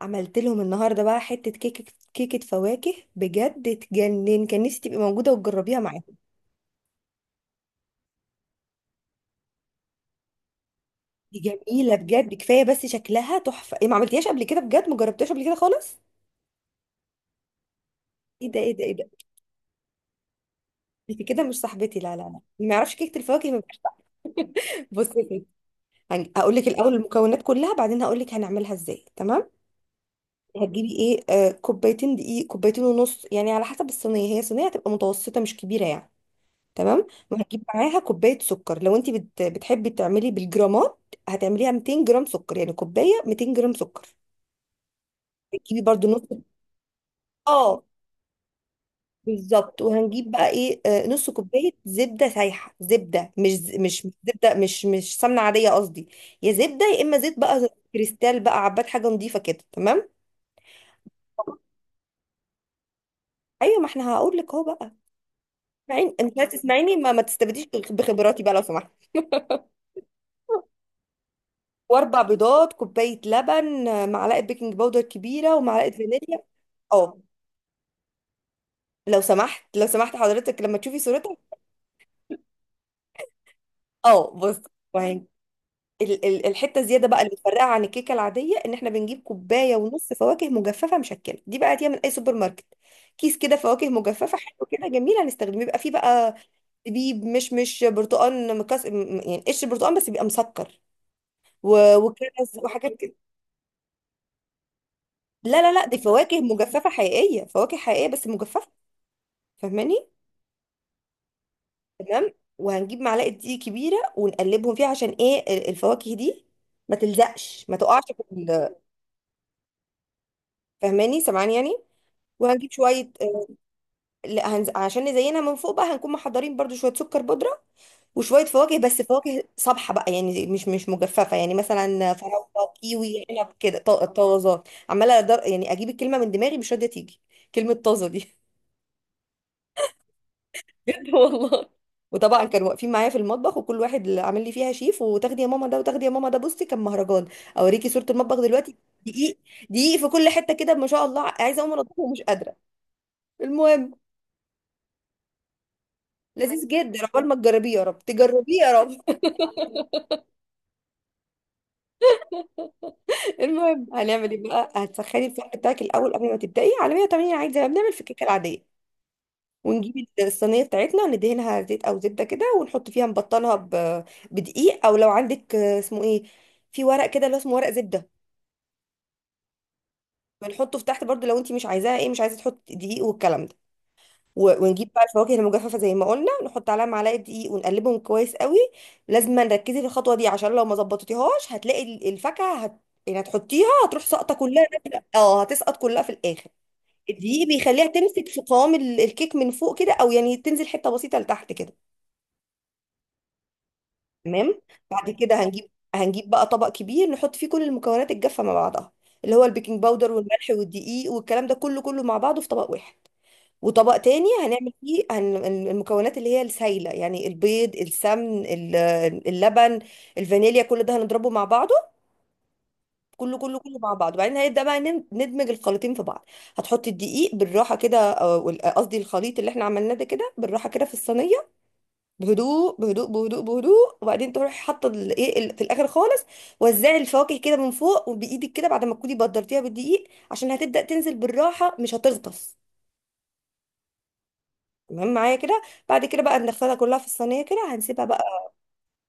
عملت لهم النهارده بقى حته كيكه، كيكه فواكه بجد تجنن. كان نفسي تبقي موجوده وتجربيها معايا. دي جميله بجد، كفايه بس شكلها تحفه. إيه، ما عملتيهاش قبل كده؟ بجد ما جربتهاش قبل كده خالص. ايه ده ايه ده ايه ده، انت كده مش صاحبتي، لا لا لا. ما يعرفش كيكه الفواكه، ما بيعرفش. بصي يا ستي، هقول لك الاول المكونات كلها، بعدين هقول لك هنعملها ازاي. تمام، هتجيبي ايه، كوبايتين دقيق، كوبايتين ونص يعني على حسب الصينيه، هي صينيه هتبقى متوسطه مش كبيره يعني. تمام، وهتجيب معاها كوبايه سكر، لو انت بتحبي تعملي بالجرامات، هتعمليها 200 جرام سكر، يعني كوبايه 200 جرام سكر. هتجيبي برضو نص. اه، بالظبط. وهنجيب بقى ايه، نص كوبايه زبده سايحه. زبده، مش مش زبده، مش سمنه عاديه قصدي. يا زبده يا اما زيت بقى كريستال بقى عباد، حاجه نظيفه كده تمام. ايوه، ما احنا هقول لك اهو بقى. اسمعيني، انت عايزة تسمعيني، ما تستبديش بخبراتي بقى لو سمحت. واربع بيضات، كوبايه لبن، معلقه بيكنج باودر كبيره، ومعلقه فانيليا. اه، لو سمحت لو سمحت حضرتك لما تشوفي صورتها. اه بص. وهن- الحته الزياده بقى اللي بتفرقها عن الكيكه العاديه، ان احنا بنجيب كوبايه ونص فواكه مجففه مشكله. دي بقى هتيجي من اي سوبر ماركت. كيس كده فواكه مجففه، حلو كده جميل هنستخدمه. بيبقى فيه بقى زبيب، مش برتقال مكس، يعني قشر برتقال بس بيبقى مسكر، وكرز وحاجات كده. لا لا لا، دي فواكه مجففه حقيقيه، فواكه حقيقيه بس مجففه. فاهماني. تمام، وهنجيب معلقه دقيق كبيره ونقلبهم فيها، عشان ايه، الفواكه دي ما تلزقش، ما تقعش في ال. فاهماني سامعاني يعني. وهنجيب شويه، لا هنز... عشان نزينها من فوق بقى، هنكون محضرين برضو شويه سكر بودره وشويه فواكه، بس فواكه صبحه بقى، يعني مش مجففه، يعني مثلا فراوله، كيوي، عنب كده طازه. عماله يعني اجيب الكلمه من دماغي مش راضيه تيجي، كلمه طازه دي. بجد والله. وطبعا كانوا واقفين معايا في المطبخ، وكل واحد اللي عامل لي فيها شيف، وتاخدي يا ماما ده، وتاخدي يا ماما ده، بصي كان مهرجان. اوريكي صورة المطبخ دلوقتي. دقيق، دقيق في كل حتة كده ما شاء الله. عايزة اقوم انضفه ومش قادرة. المهم، لذيذ جدا. عقبال ما تجربيه يا رب، تجربيه يا رب. المهم، هنعمل ايه بقى؟ هتسخني الفرن بتاعك الاول قبل ما تبدأي على 180، عادي زي ما بنعمل في الكيكة العادية. ونجيب الصينية بتاعتنا، ندهنها زيت أو زبدة كده، ونحط فيها، نبطنها بدقيق، أو لو عندك، اسمه إيه، في ورق كده اللي هو اسمه ورق زبدة، بنحطه في تحت برضو، لو انت مش عايزاها ايه، مش عايزه تحط دقيق والكلام ده. ونجيب بقى الفواكه المجففه زي ما قلنا، نحط عليها معلقه دقيق ونقلبهم كويس قوي. لازم نركزي في الخطوه دي، عشان لو ما ظبطتيهاش هتلاقي الفاكهه يعني هتحطيها، هتروح ساقطه كلها اه هتسقط كلها في الاخر. الدقيق بيخليها تمسك في قوام الكيك من فوق كده، او يعني تنزل حته بسيطه لتحت كده. تمام. بعد كده هنجيب بقى طبق كبير نحط فيه كل المكونات الجافه مع بعضها، اللي هو البيكنج باودر والملح والدقيق والكلام ده، كله كله مع بعضه في طبق واحد. وطبق تاني هنعمل فيه المكونات اللي هي السايلة، يعني البيض، السمن، اللبن، الفانيليا، كل ده هنضربه مع بعضه، كله كله كله مع بعضه. وبعدين هنبدأ بقى ندمج الخليطين في بعض. هتحطي الدقيق بالراحة كده، أو قصدي الخليط اللي احنا عملناه ده، كده بالراحة كده في الصينية، بهدوء بهدوء بهدوء بهدوء. وبعدين تروحي حاطة الايه في الآخر خالص، وزعي الفواكه كده من فوق وبإيدك كده، بعد ما تكوني بدرتيها بالدقيق، عشان هتبدأ تنزل بالراحة مش هتغطس. تمام معايا كده؟ بعد كده بقى بنغسلها كلها في الصينيه كده، هنسيبها بقى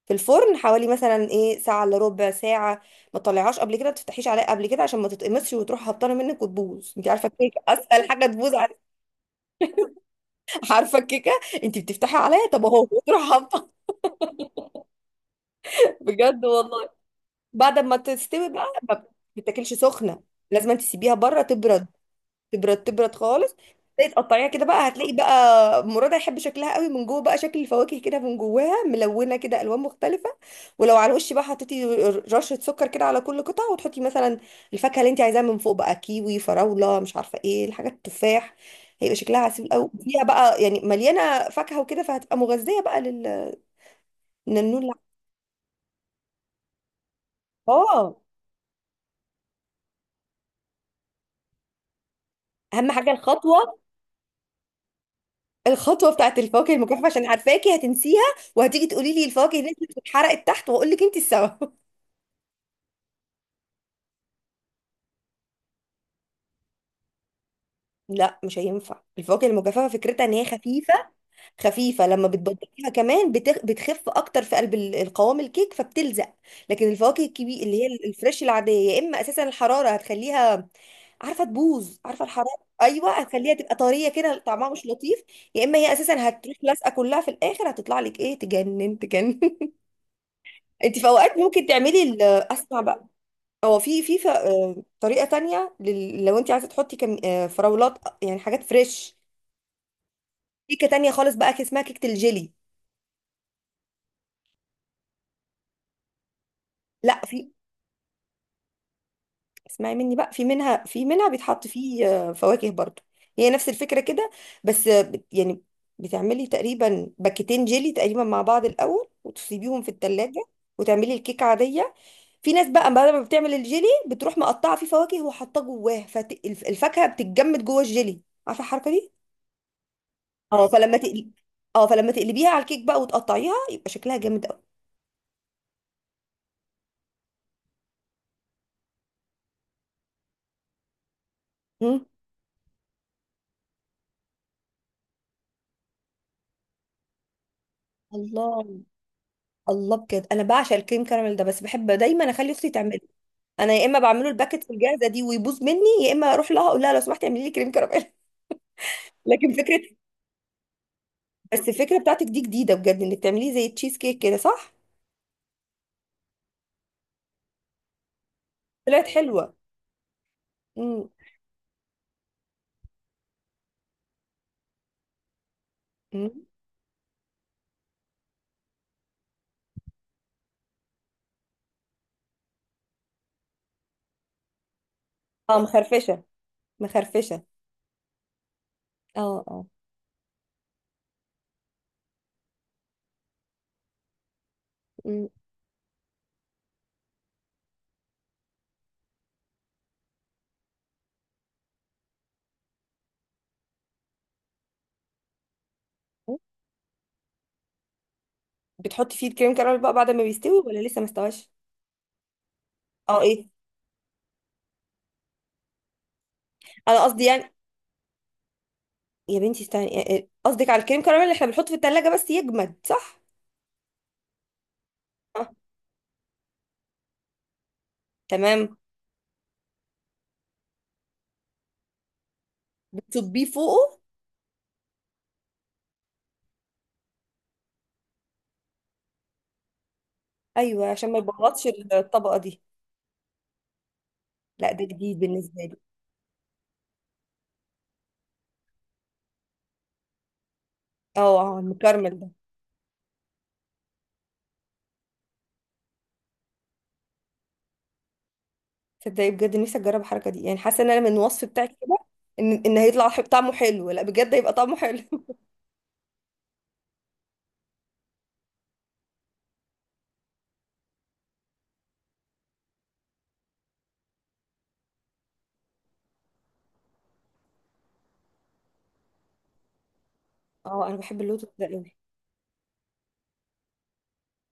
في الفرن حوالي مثلا ايه، ساعه الا ربع ساعه. ما تطلعهاش قبل كده، ما تفتحيش عليها قبل كده، عشان ما تتقمصش وتروح هبطانه منك وتبوظ. انت عارفه الكيكه اسهل حاجه تبوظ عارفه الكيكه، انت بتفتحي عليها طب اهو وتروح هبطانه. بجد والله. بعد ما تستوي بقى، ما بتاكلش سخنه. لازم تسيبيها بره تبرد، تبرد تبرد خالص. تلاقي تقطعيها كده بقى هتلاقي بقى مراد هيحب شكلها قوي، من جوه بقى شكل الفواكه كده من جواها، ملونه كده الوان مختلفه. ولو على الوش بقى حطيتي رشه سكر كده على كل قطعه، وتحطي مثلا الفاكهه اللي انت عايزاها من فوق بقى، كيوي، فراوله، مش عارفه ايه الحاجات، التفاح، هيبقى شكلها عسول قوي. فيها بقى يعني مليانه فاكهه وكده، فهتبقى مغذيه بقى للنون اه. اهم حاجه الخطوه، الخطوه بتاعت الفواكه المجففه، عشان عارفاكي هتنسيها وهتيجي تقولي لي الفواكه اللي نزلت اتحرقت تحت، واقول لك انت السبب. لا مش هينفع. الفواكه المجففه فكرتها ان هي خفيفه، خفيفه لما بتبططيها كمان بتخف اكتر في قلب القوام الكيك، فبتلزق. لكن الفواكه الكبير اللي هي الفريش العاديه، يا اما اساسا الحراره هتخليها، عارفه تبوظ؟ عارفه الحراره، ايوه، هتخليها تبقى طريه كده طعمها مش لطيف. يا اما هي اساسا هتروح لازقه كلها في الاخر، هتطلع لك ايه، تجنن تجنن. انت في اوقات ممكن تعملي اسمع بقى. هو في في ف- آه، طريقة تانية لو انت عايزة تحطي كم... آه، فراولات، يعني حاجات فريش، كيكة تانية خالص بقى، اسمها كيكة الجيلي. لا، في، اسمعي مني بقى، في منها، بيتحط فيه، فواكه برضو. هي نفس الفكرة كده، بس يعني بتعملي تقريبا باكيتين جيلي تقريبا مع بعض الأول، وتسيبيهم في التلاجة، وتعملي الكيكة عادية. في ناس بقى بعد ما بتعمل الجيلي، بتروح مقطعة فيه فواكه وحاطاه جواه، فالفاكهة بتتجمد جوه الجيلي. عارفة الحركة دي؟ اه، فلما تقلي، اه فلما تقلبيها على الكيك بقى وتقطعيها، يبقى شكلها جامد قوي. مم. الله. الله بجد، انا بعشق الكريم كراميل ده، بس بحب دايما اخلي اختي تعمله. انا يا اما بعمله الباكت في الجاهزه دي ويبوظ مني، يا اما اروح لها اقول لها لو سمحتي اعملي لي كريم كراميل. لكن فكره، بس الفكره بتاعتك دي جديده بجد، انك تعمليه زي تشيز كيك كده، صح؟ طلعت حلوه. مم. مم. اه، مخرفشه مخرفشه. اه اه. مم. بتحطي فيه الكريم كراميل بقى بعد ما بيستوي، ولا لسه ما استواش؟ اه ايه، انا قصدي يعني، يا بنتي استني. قصدك على الكريم كراميل اللي احنا بنحطه في التلاجة بس يجمد، صح؟ آه، تمام. بتصبيه فوقه. ايوه، عشان ما يبغطش الطبقة دي. لا، ده جديد بالنسبة لي. اه، المكرمل ده. تصدقي بجد نفسي اجرب الحركة دي، يعني حاسة ان انا من الوصف بتاعي كده، ان هيطلع طعمه حلو، لا بجد هيبقى طعمه حلو. اه، انا بحب اللوتس ده قوي.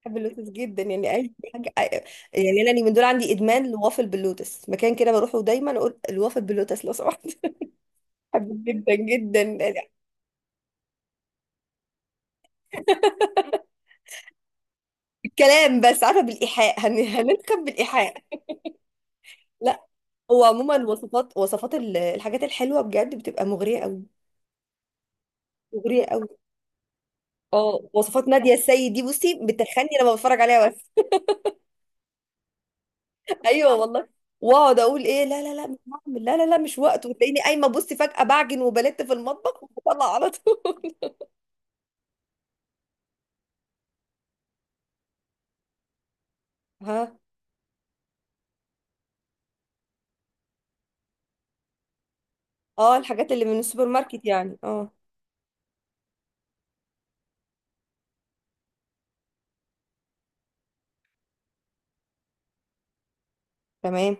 بحب اللوتس جدا، يعني اي حاجة يعني انا من دول، عندي ادمان لوافل باللوتس، مكان كده بروحه دايما اقول الوافل باللوتس لو سمحت. بحبه جدا، جدا. كلام بس، عارفه بالايحاء هننخب بالايحاء. لا، هو عموما وصفات، وصفات الحاجات الحلوه بجد بتبقى مغريه قوي، مغريه قوي. اه، وصفات ناديه السيد دي بصي بتخني لما بتفرج عليها بس. ايوه والله. واقعد اقول ايه، لا لا لا مش هعمل، لا لا لا مش وقت، وتلاقيني قايمه بصي فجاه بعجن وبلت في المطبخ وبطلع على طول. ها. اه، الحاجات اللي من السوبر ماركت يعني، اه تمام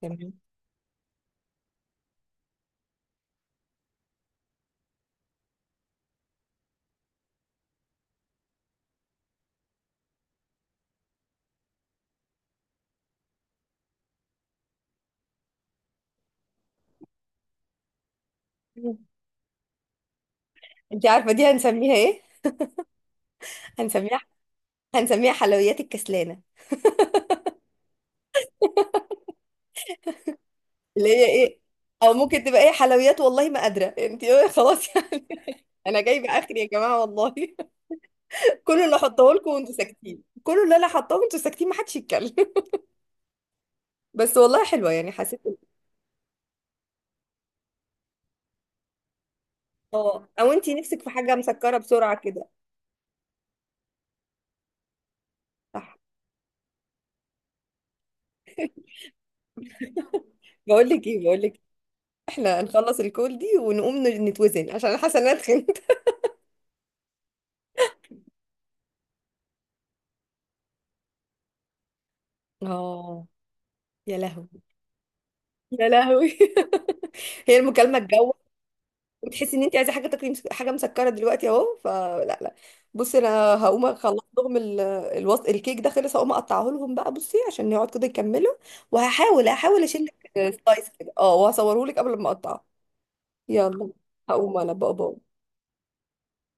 تمام. انت عارفه دي هنسميها ايه؟ هنسميها، هنسميها حلويات الكسلانه، اللي هي ايه، او ممكن تبقى ايه، حلويات والله ما قادره انت. ايه خلاص يعني. انا جايبه اخر يا جماعه والله. كل اللي احطه لكم وانتوا ساكتين، كل اللي انا حطاه وانتوا ساكتين، ما حدش يتكلم. بس والله حلوه، يعني حسيت اه، او انت نفسك في حاجه مسكره بسرعه كده، صح. بقول لك ايه، بقول لك احنا نخلص الكول دي، ونقوم نتوزن، عشان انا حاسه ان انا اتخنت. اه. يا لهوي، يا لهوي. هي المكالمه. بتحسي ان انت عايزه حاجه تاكلي حاجه مسكره دلوقتي اهو، فلا لا. بصي انا هقوم اخلص لهم الكيك ده خلص، هقوم اقطعه لهم بقى بصي عشان يقعد كده يكملوا، وهحاول اشيل لك سلايس كده، اه وهصوره لك قبل ما اقطعه. يلا، هقوم انا بقى، باي.